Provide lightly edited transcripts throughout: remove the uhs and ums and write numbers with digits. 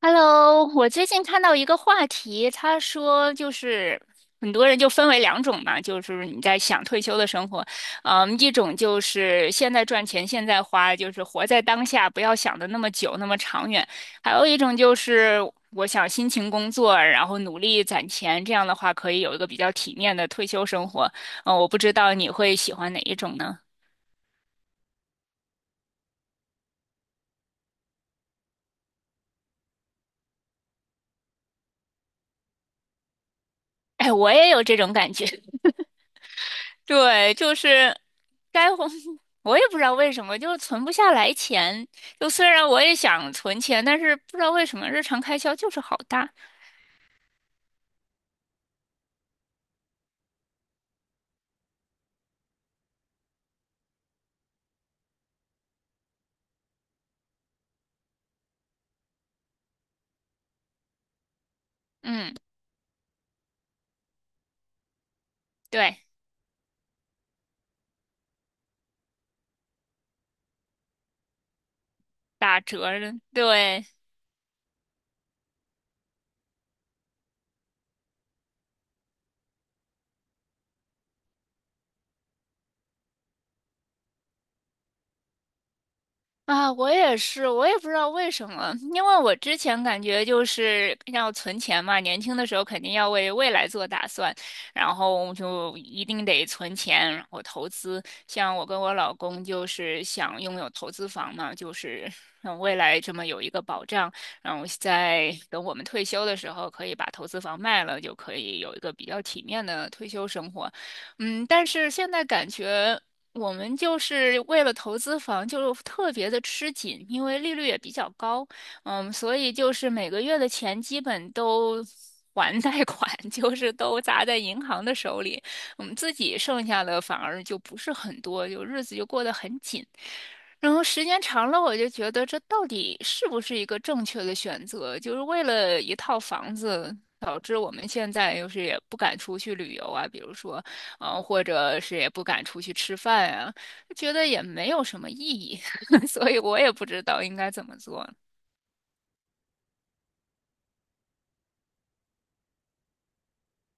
Hello，我最近看到一个话题，他说就是很多人就分为两种嘛，就是你在想退休的生活，一种就是现在赚钱现在花，就是活在当下，不要想的那么久那么长远，还有一种就是我想辛勤工作，然后努力攒钱，这样的话可以有一个比较体面的退休生活。我不知道你会喜欢哪一种呢？哎，我也有这种感觉。对，就是。该红 我也不知道为什么，就是存不下来钱。就虽然我也想存钱，但是不知道为什么日常开销就是好大。嗯，对，打折的，对。啊，我也是，我也不知道为什么，因为我之前感觉就是要存钱嘛，年轻的时候肯定要为未来做打算，然后就一定得存钱，然后投资。像我跟我老公就是想拥有投资房嘛，就是让未来这么有一个保障，然后在等我们退休的时候可以把投资房卖了，就可以有一个比较体面的退休生活。但是现在感觉。我们就是为了投资房，就特别的吃紧，因为利率也比较高，所以就是每个月的钱基本都还贷款，就是都砸在银行的手里，我们自己剩下的反而就不是很多，就日子就过得很紧。然后时间长了，我就觉得这到底是不是一个正确的选择？就是为了一套房子，导致我们现在就是也不敢出去旅游啊，比如说。或者是也不敢出去吃饭呀，觉得也没有什么意义，所以我也不知道应该怎么做。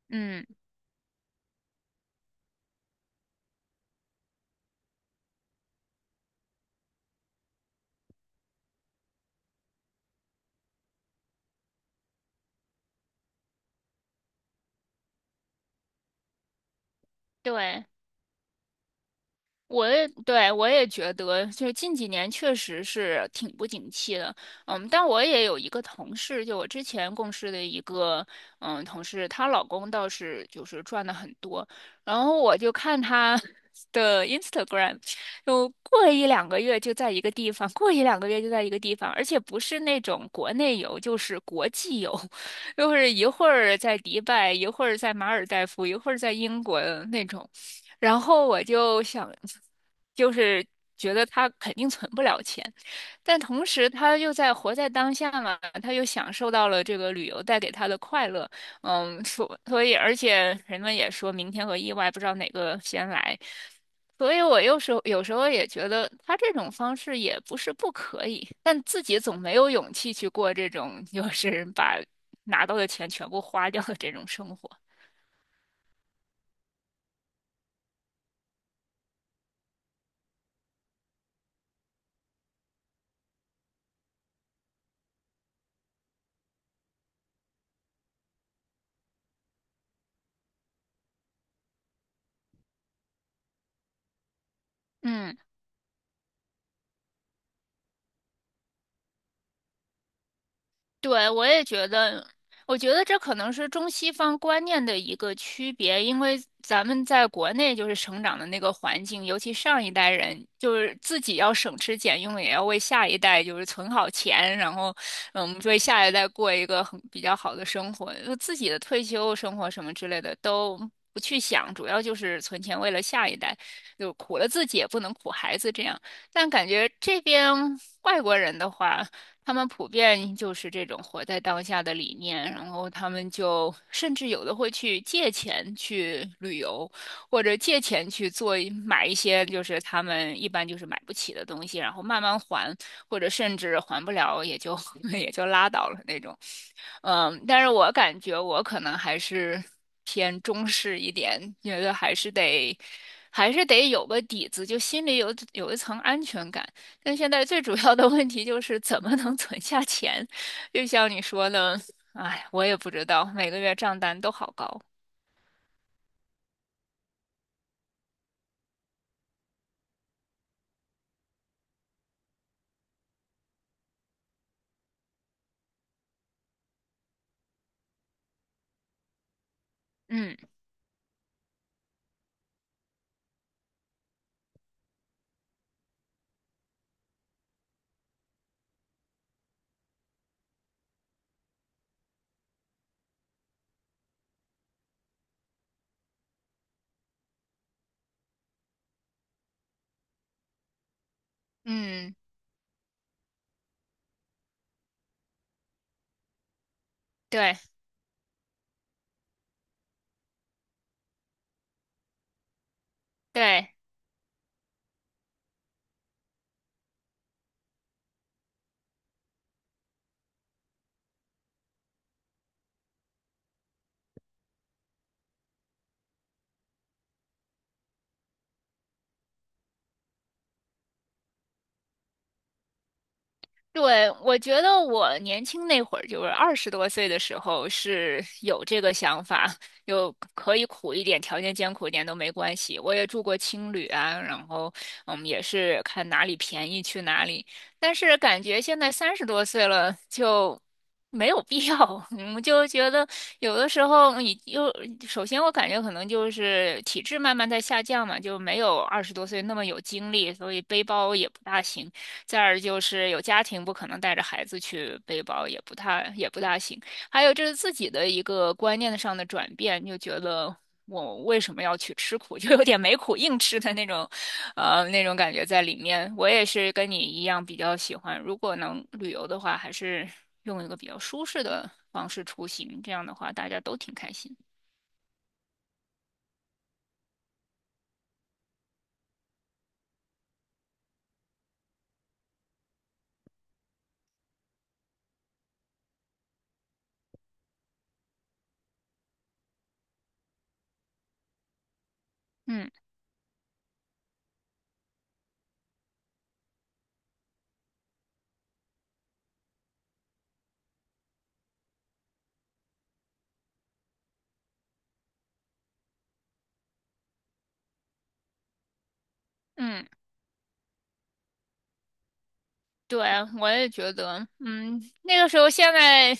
嗯，对。我也觉得，就是近几年确实是挺不景气的，但我也有一个同事，就我之前共事的一个，同事，她老公倒是就是赚的很多，然后我就看她 的 Instagram，就过一两个月就在一个地方，过一两个月就在一个地方，而且不是那种国内游，就是国际游，就是一会儿在迪拜，一会儿在马尔代夫，一会儿在英国的那种。然后我就想，就是觉得他肯定存不了钱，但同时他又在活在当下嘛，他又享受到了这个旅游带给他的快乐，所以而且人们也说明天和意外不知道哪个先来，所以我有时候也觉得他这种方式也不是不可以，但自己总没有勇气去过这种就是把拿到的钱全部花掉的这种生活，嗯。对，我也觉得，我觉得这可能是中西方观念的一个区别，因为咱们在国内就是成长的那个环境，尤其上一代人就是自己要省吃俭用，也要为下一代就是存好钱，然后为下一代过一个很比较好的生活，就自己的退休生活什么之类的都不去想，主要就是存钱为了下一代，就苦了自己也不能苦孩子这样。但感觉这边外国人的话。他们普遍就是这种活在当下的理念，然后他们就甚至有的会去借钱去旅游，或者借钱去做买一些就是他们一般就是买不起的东西，然后慢慢还，或者甚至还不了也就 也就拉倒了那种。但是我感觉我可能还是偏中式一点，觉得还是得，还是得有个底子，就心里有一层安全感。但现在最主要的问题就是怎么能存下钱，就像你说的，哎，我也不知道，每个月账单都好高。嗯嗯，对对。对，我觉得我年轻那会儿，就是二十多岁的时候，是有这个想法，有可以苦一点，条件艰苦一点都没关系。我也住过青旅啊，然后也是看哪里便宜去哪里。但是感觉现在三十多岁了，就没有必要。就觉得有的时候你又，首先我感觉可能就是体质慢慢在下降嘛，就没有二十多岁那么有精力，所以背包也不大行。再而就是有家庭不可能带着孩子去背包，也不大行。还有就是自己的一个观念上的转变，就觉得我为什么要去吃苦，就有点没苦硬吃的那种，那种感觉在里面。我也是跟你一样比较喜欢，如果能旅游的话，还是用一个比较舒适的方式出行，这样的话大家都挺开心。嗯嗯。对，我也觉得，那个时候现在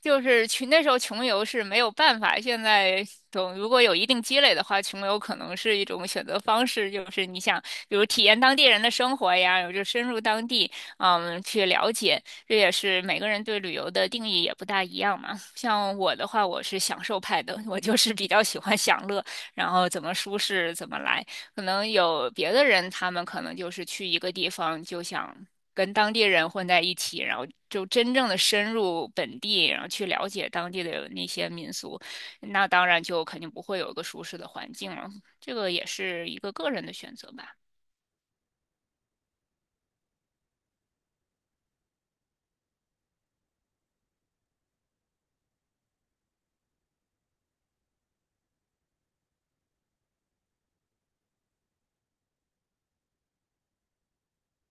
就是穷，那时候穷游是没有办法。现在总如果有一定积累的话，穷游可能是一种选择方式，就是你想，比如体验当地人的生活呀，有就深入当地，去了解。这也是每个人对旅游的定义也不大一样嘛。像我的话，我是享受派的，我就是比较喜欢享乐，然后怎么舒适怎么来。可能有别的人，他们可能就是去一个地方就想。跟当地人混在一起，然后就真正的深入本地，然后去了解当地的那些民俗，那当然就肯定不会有一个舒适的环境了。这个也是一个个人的选择吧。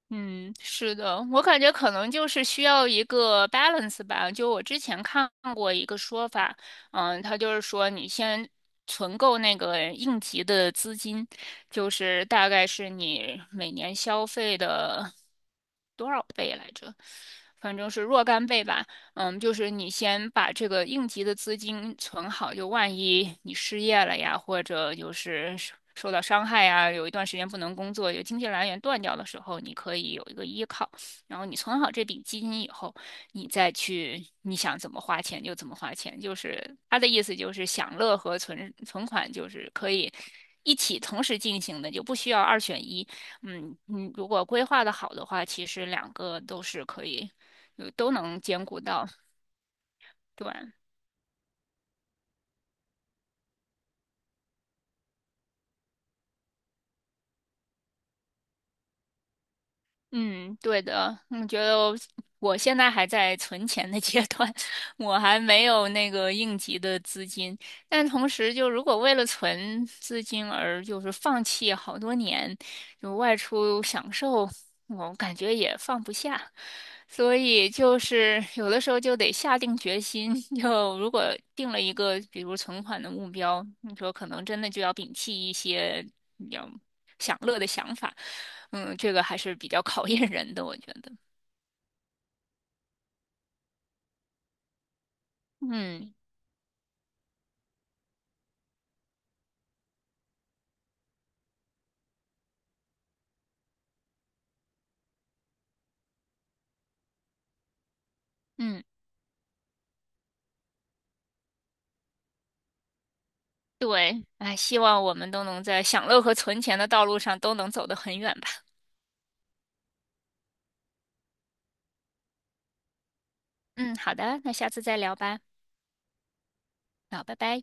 嗯，是的，我感觉可能就是需要一个 balance 吧。就我之前看过一个说法，他就是说你先存够那个应急的资金，就是大概是你每年消费的多少倍来着？反正是若干倍吧。就是你先把这个应急的资金存好，就万一你失业了呀，或者就是受到伤害呀，有一段时间不能工作，有经济来源断掉的时候，你可以有一个依靠。然后你存好这笔基金以后，你再去你想怎么花钱就怎么花钱。就是他的意思就是享乐和存款就是可以一起同时进行的，就不需要二选一。你如果规划的好的话，其实两个都是可以，都能兼顾到。对，嗯，对的，我觉得我现在还在存钱的阶段，我还没有那个应急的资金。但同时，就如果为了存资金而就是放弃好多年，就外出享受，我感觉也放不下。所以就是有的时候就得下定决心，就如果定了一个比如存款的目标，你说可能真的就要摒弃一些比较享乐的想法。这个还是比较考验人的，我觉得。嗯嗯，对，哎，希望我们都能在享乐和存钱的道路上都能走得很远吧。嗯，好的，那下次再聊吧。好，拜拜。